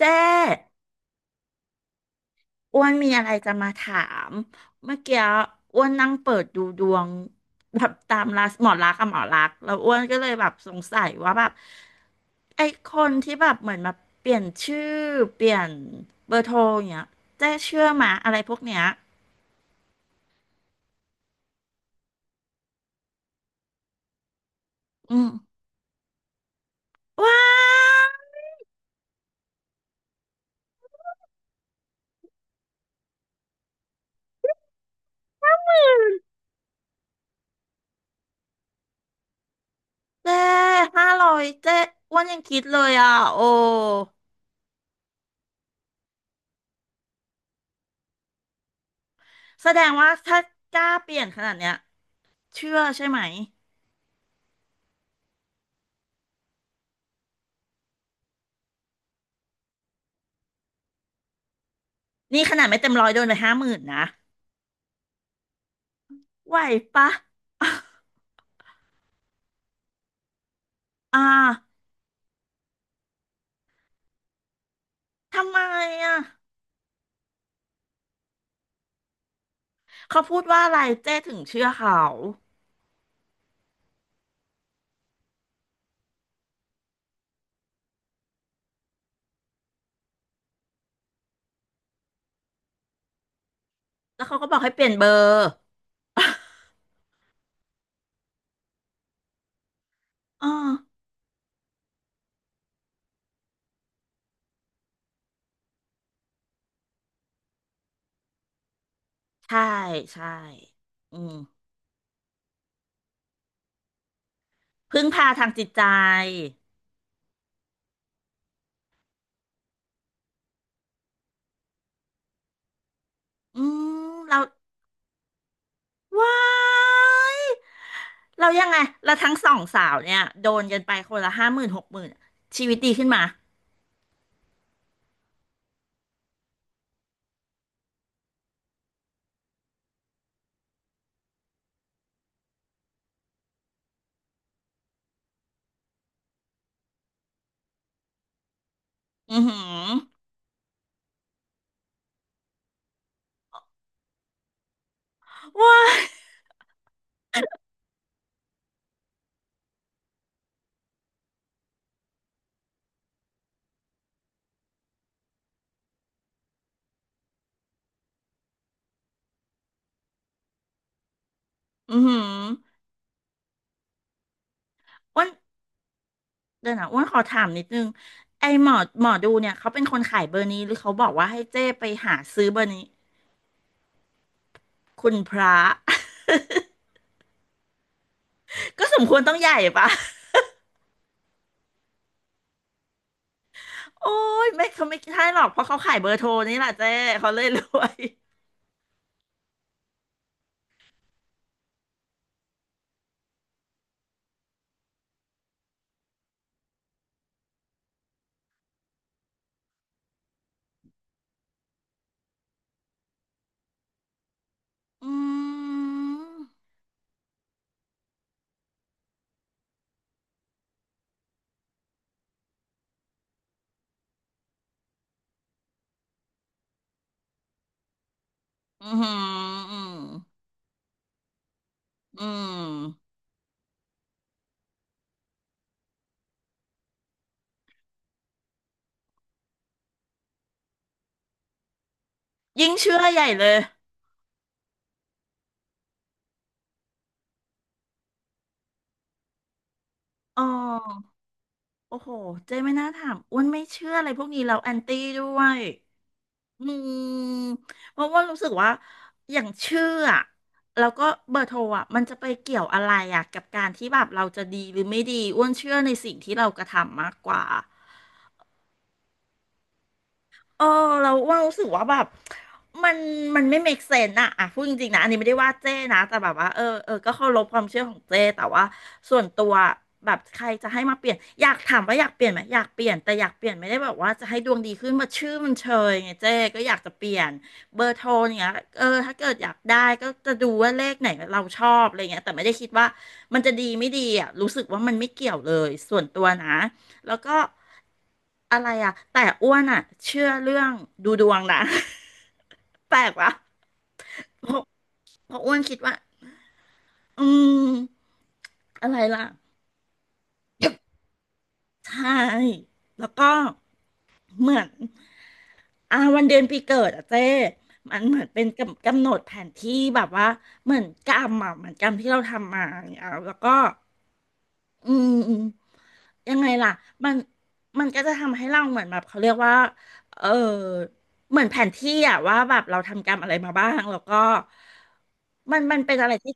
เจ๊อ้วนมีอะไรจะมาถามเมื่อกี้อ้วนนั่งเปิดดูดวงแบบตามราหมอลักษณ์กับหมอลักษณ์แล้วอ้วนก็เลยแบบสงสัยว่าแบบไอ้คนที่แบบเหมือนมาเปลี่ยนชื่อเปลี่ยนเบอร์โทรอย่างเงี้ยเจ๊เชื่อมาอะไรพวกเนี้ยอืมว้าวเจ๊ห้าร้อยเจ๊อ้วนยังคิดเลยอ่ะโอ้แสดงว่าถ้ากล้าเปลี่ยนขนาดเนี้ยเชื่อใช่ไหมนี่ขนาดไม่เต็มร้อยโดนไปห้าหมื่นนะ ไหวปะ อ่าทำไมอ่ะเขาพูดว่าอะไรเจ้ถึงเชื่อเขา แล้วเขาก็บอกให้เปลี่ยนเบอร์ อ๋อใช่ ใช่ อืมพึ่งพาทางจิตใจ อืมเราว้ายเรายังไงเราทั้งสองสาวเนี่ยโดนกันไปคนละห้าหมื่นหกหมื่นชีวิตดีขึ้นมา อือหือว้ายอือหืออ้วน เดี๋ยวนะอ้วนขอถามนิดนึงไอหมอหมอดูเนี่ยเขาเป็นคนขายเบอร์นี้หรือเขาบอกว่าให้เจ้ไปหาซื้อเบอร์นี้คุณพระ ก็สมควรต้องใหญ่ปะโอ้ยไม่เขาไม่ใช่หรอกเพราะเขาขายเบอร์โทรนี่แหละเจ้เขาเลยรวยอืมอืมอืมอืมยิ่งเชื่อใหญ่เลยอ๋อโอ้โหเจ้ไม่น่าถามอ้วนไม่เชื่ออะไรพวกนี้แล้วแอนตี้ด้วย อืมเพราะว่ารู้สึกว่าอย่างชื่ออะแล้วก็เบอร์โทรอะมันจะไปเกี่ยวอะไรอะกับการที่แบบเราจะดีหรือไม่ดีอ้วนเชื่อในสิ่งที่เรากระทำมากกว่า เออเราว่ารู้สึกว่าแบบมันมันไม่ make sense อะอ่ะพูดจริงๆนะอันนี้ไม่ได้ว่าเจ้นะแต่แบบว่าเออก็เคารพความเชื่อของเจ้แต่ว่าส่วนตัวแบบใครจะให้มาเปลี่ยนอยากถามว่าอยากเปลี่ยนไหมอยากเปลี่ยนแต่อยากเปลี่ยนไม่ได้แบบว่าจะให้ดวงดีขึ้นมาชื่อมันเชยไงเจ้ก็อยากจะเปลี่ยนเบอร์โทรเนี้ยเออถ้าเกิดอยากได้ก็จะดูว่าเลขไหนเราชอบอะไรเงี้ยแต่ไม่ได้คิดว่ามันจะดีไม่ดีอ่ะรู้สึกว่ามันไม่เกี่ยวเลยส่วนตัวนะ แล้วก็อะไรอ่ะ แต่อ้วนอ่ะเชื่อเรื่องดูดวงนะ แปลกปะเพราะเพราะอ้วนคิดว่าอืมอะไรล่ะ ใช่แล้วก็เหมือนอ่าวันเดือนปีเกิดอะเจ้มันเหมือนเป็นกำหนดแผนที่แบบว่าเหมือนกรรมอะเหมือนกรรมที่เราทำมาเนี่ยเอาแล้วก็อืมอืมยังไงล่ะมันมันก็จะทำให้เราเหมือนแบบเขาเรียกว่าเออเหมือนแผนที่อะว่าแบบเราทำกรรมอะไรมาบ้างแล้วก็มันเป็นอะไรที่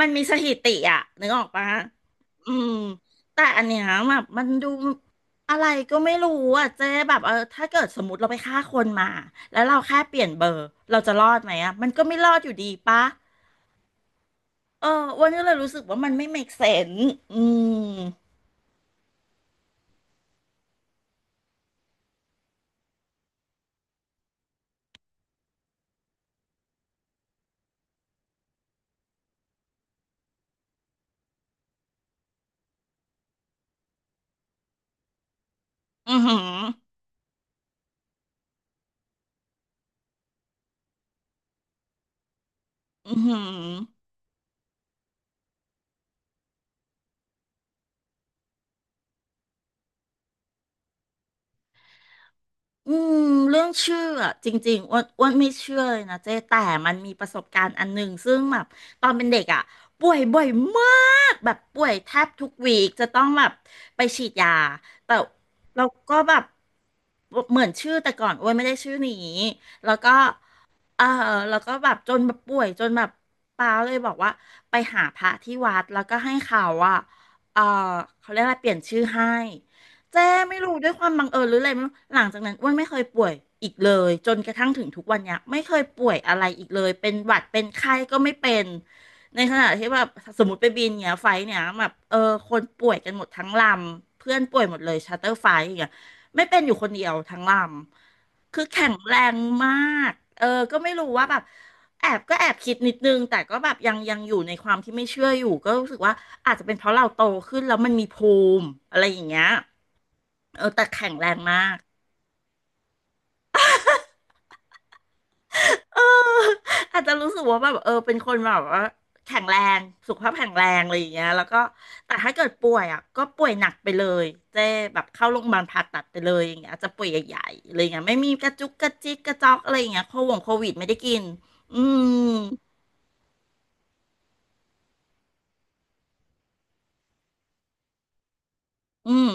มันมีสถิติอะนึกออกปะอืมแต่อันเนี้ยแบบมันดูอะไรก็ไม่รู้อะเจ๊แบบเออถ้าเกิดสมมติเราไปฆ่าคนมาแล้วเราแค่เปลี่ยนเบอร์เราจะรอดไหมอะมันก็ไม่รอดอยู่ดีปะเอออ้วันนี้เลยรู้สึกว่ามันไม่ make sense อืมอือหืออือหือ อืมเรื่องชื่ออะจริงๆอ้วนไม่เชื่อเลยนะเจ๊แต่มันมีประสบการณ์อันหนึ่งซึ่งแบบตอนเป็นเด็กอ่ะป่วยบ่อยมากแบบป่วยแทบทุกวีคจะต้องแบบไปฉีดยาแต่เราก็แบบเหมือนชื่อแต่ก่อนอ้วนไม่ได้ชื่อนี้แล้วก็ เออแล้วก็แบบจนแบบป่วยจนแบบป้าเลยบอกว่าไปหาพระที่วัดแล้วก็ให้เขาอ่ะเออเขาเรียกอะไรเปลี่ยนชื่อให้เจ๊ไม่รู้ด้วยความบังเอิญหรืออะไรไม่รู้หลังจากนั้นอ้วนไม่เคยป่วยอีกเลยจนกระทั่งถึงทุกวันเนี้ยไม่เคยป่วยอะไรอีกเลยเป็นหวัดเป็นไข้ก็ไม่เป็นในขณะที่แบบสมมติไปบินเนี้ยไฟล์เนี้ยแบบเออคนป่วยกันหมดทั้งลำเพื่อนป่วยหมดเลยชาร์เตอร์ไฟล์อย่างเงี้ย ไม่เป็นอยู่คนเดียวทั้งลำ คือแข็งแรงมาก เออ ก็ไม่รู้ว่าแบบแอบคิดนิดนึงแต่ก็แบบยังอยู่ในความที่ไม่เชื่ออยู่ก็รู้สึกว่าอาจจะเป็นเพราะเราโตขึ้นแล้วมันมีภูมิอะไรอย่างเงี้ยเออแต่แข็งแรงมาก เอออาจจะรู้สึกว่าแบบเออเป็นคนแบบว่าแข็งแรงสุขภาพแข็งแรงอะไรอย่างเงี้ยแล้วก็แต่ถ้าเกิดป่วยอ่ะก็ป่วยหนักไปเลยเจ๊แบบเข้าโรงพยาบาลผ่าตัดไปเลยอย่างเงี้ยอาจจะป่วยใหญ่ๆอะไรอย่างเงี้ยไม่มีกระจุกกระจิกกระจอกอะไรอย่างเงี้ยโควิดไม่ได้กินอืมอืม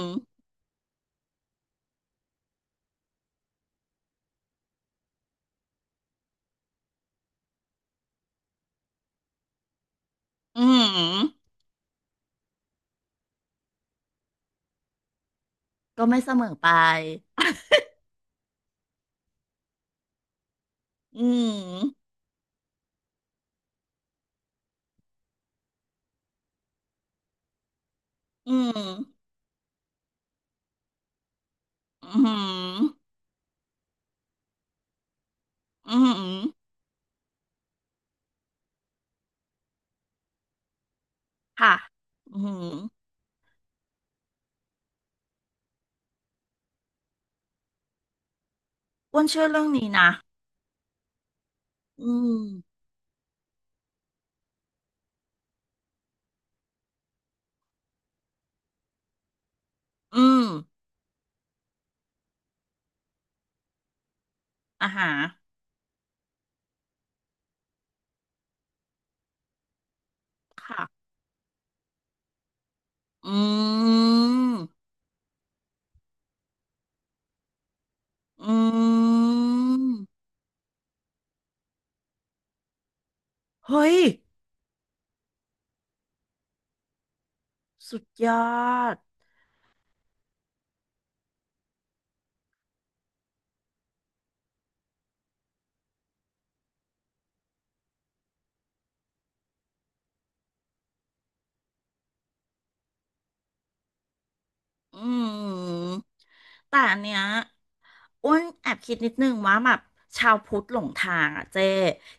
อืมก็ไม่เสมอไปอืมอืมอืมอืมค่ะอืมอ้วนเชื่อเรื่องนี้นะอืมอืมอาหาร ค่ะอืมอืมเฮ้ยสุดยอดอืมแต่อันเนี้ยอ้วนแอบคิดนิดนึงว่าแบบชาวพุทธหลงทางอ่ะเจ๊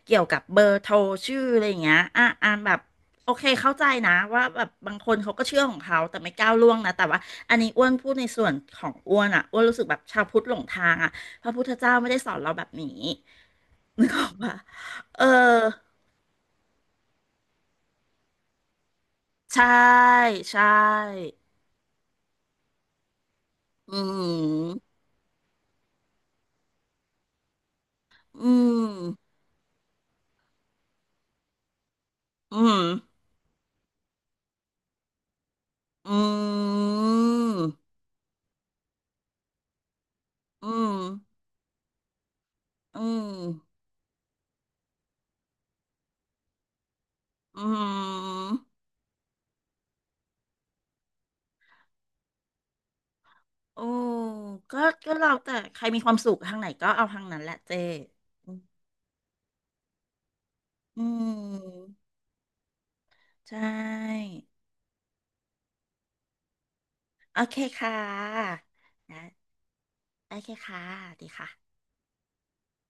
เกี่ยวกับเบอร์โทรชื่ออะไรอย่างเงี้ยอ่ะอ่ะแบบโอเคเข้าใจนะว่าแบบบางคนเขาก็เชื่อของเขาแต่ไม่ก้าวล่วงนะแต่ว่าอันนี้อ้วนพูดในส่วนของอ้วนอ่ะอ้วนรู้สึกแบบชาวพุทธหลงทางอ่ะพระพุทธเจ้าไม่ได้สอนเราแบบนี้ นึกออกปะเออ ใช่ใช่อืมอืมอืมอืมอืมอืมอืมโอ้ก็ก็เราแต่ใครมีความสุขทางไหนก็เอาทางนั้นแหละเจอืมอืมใช่โอเคค่ะนะโอเคค่ะดีค่ะ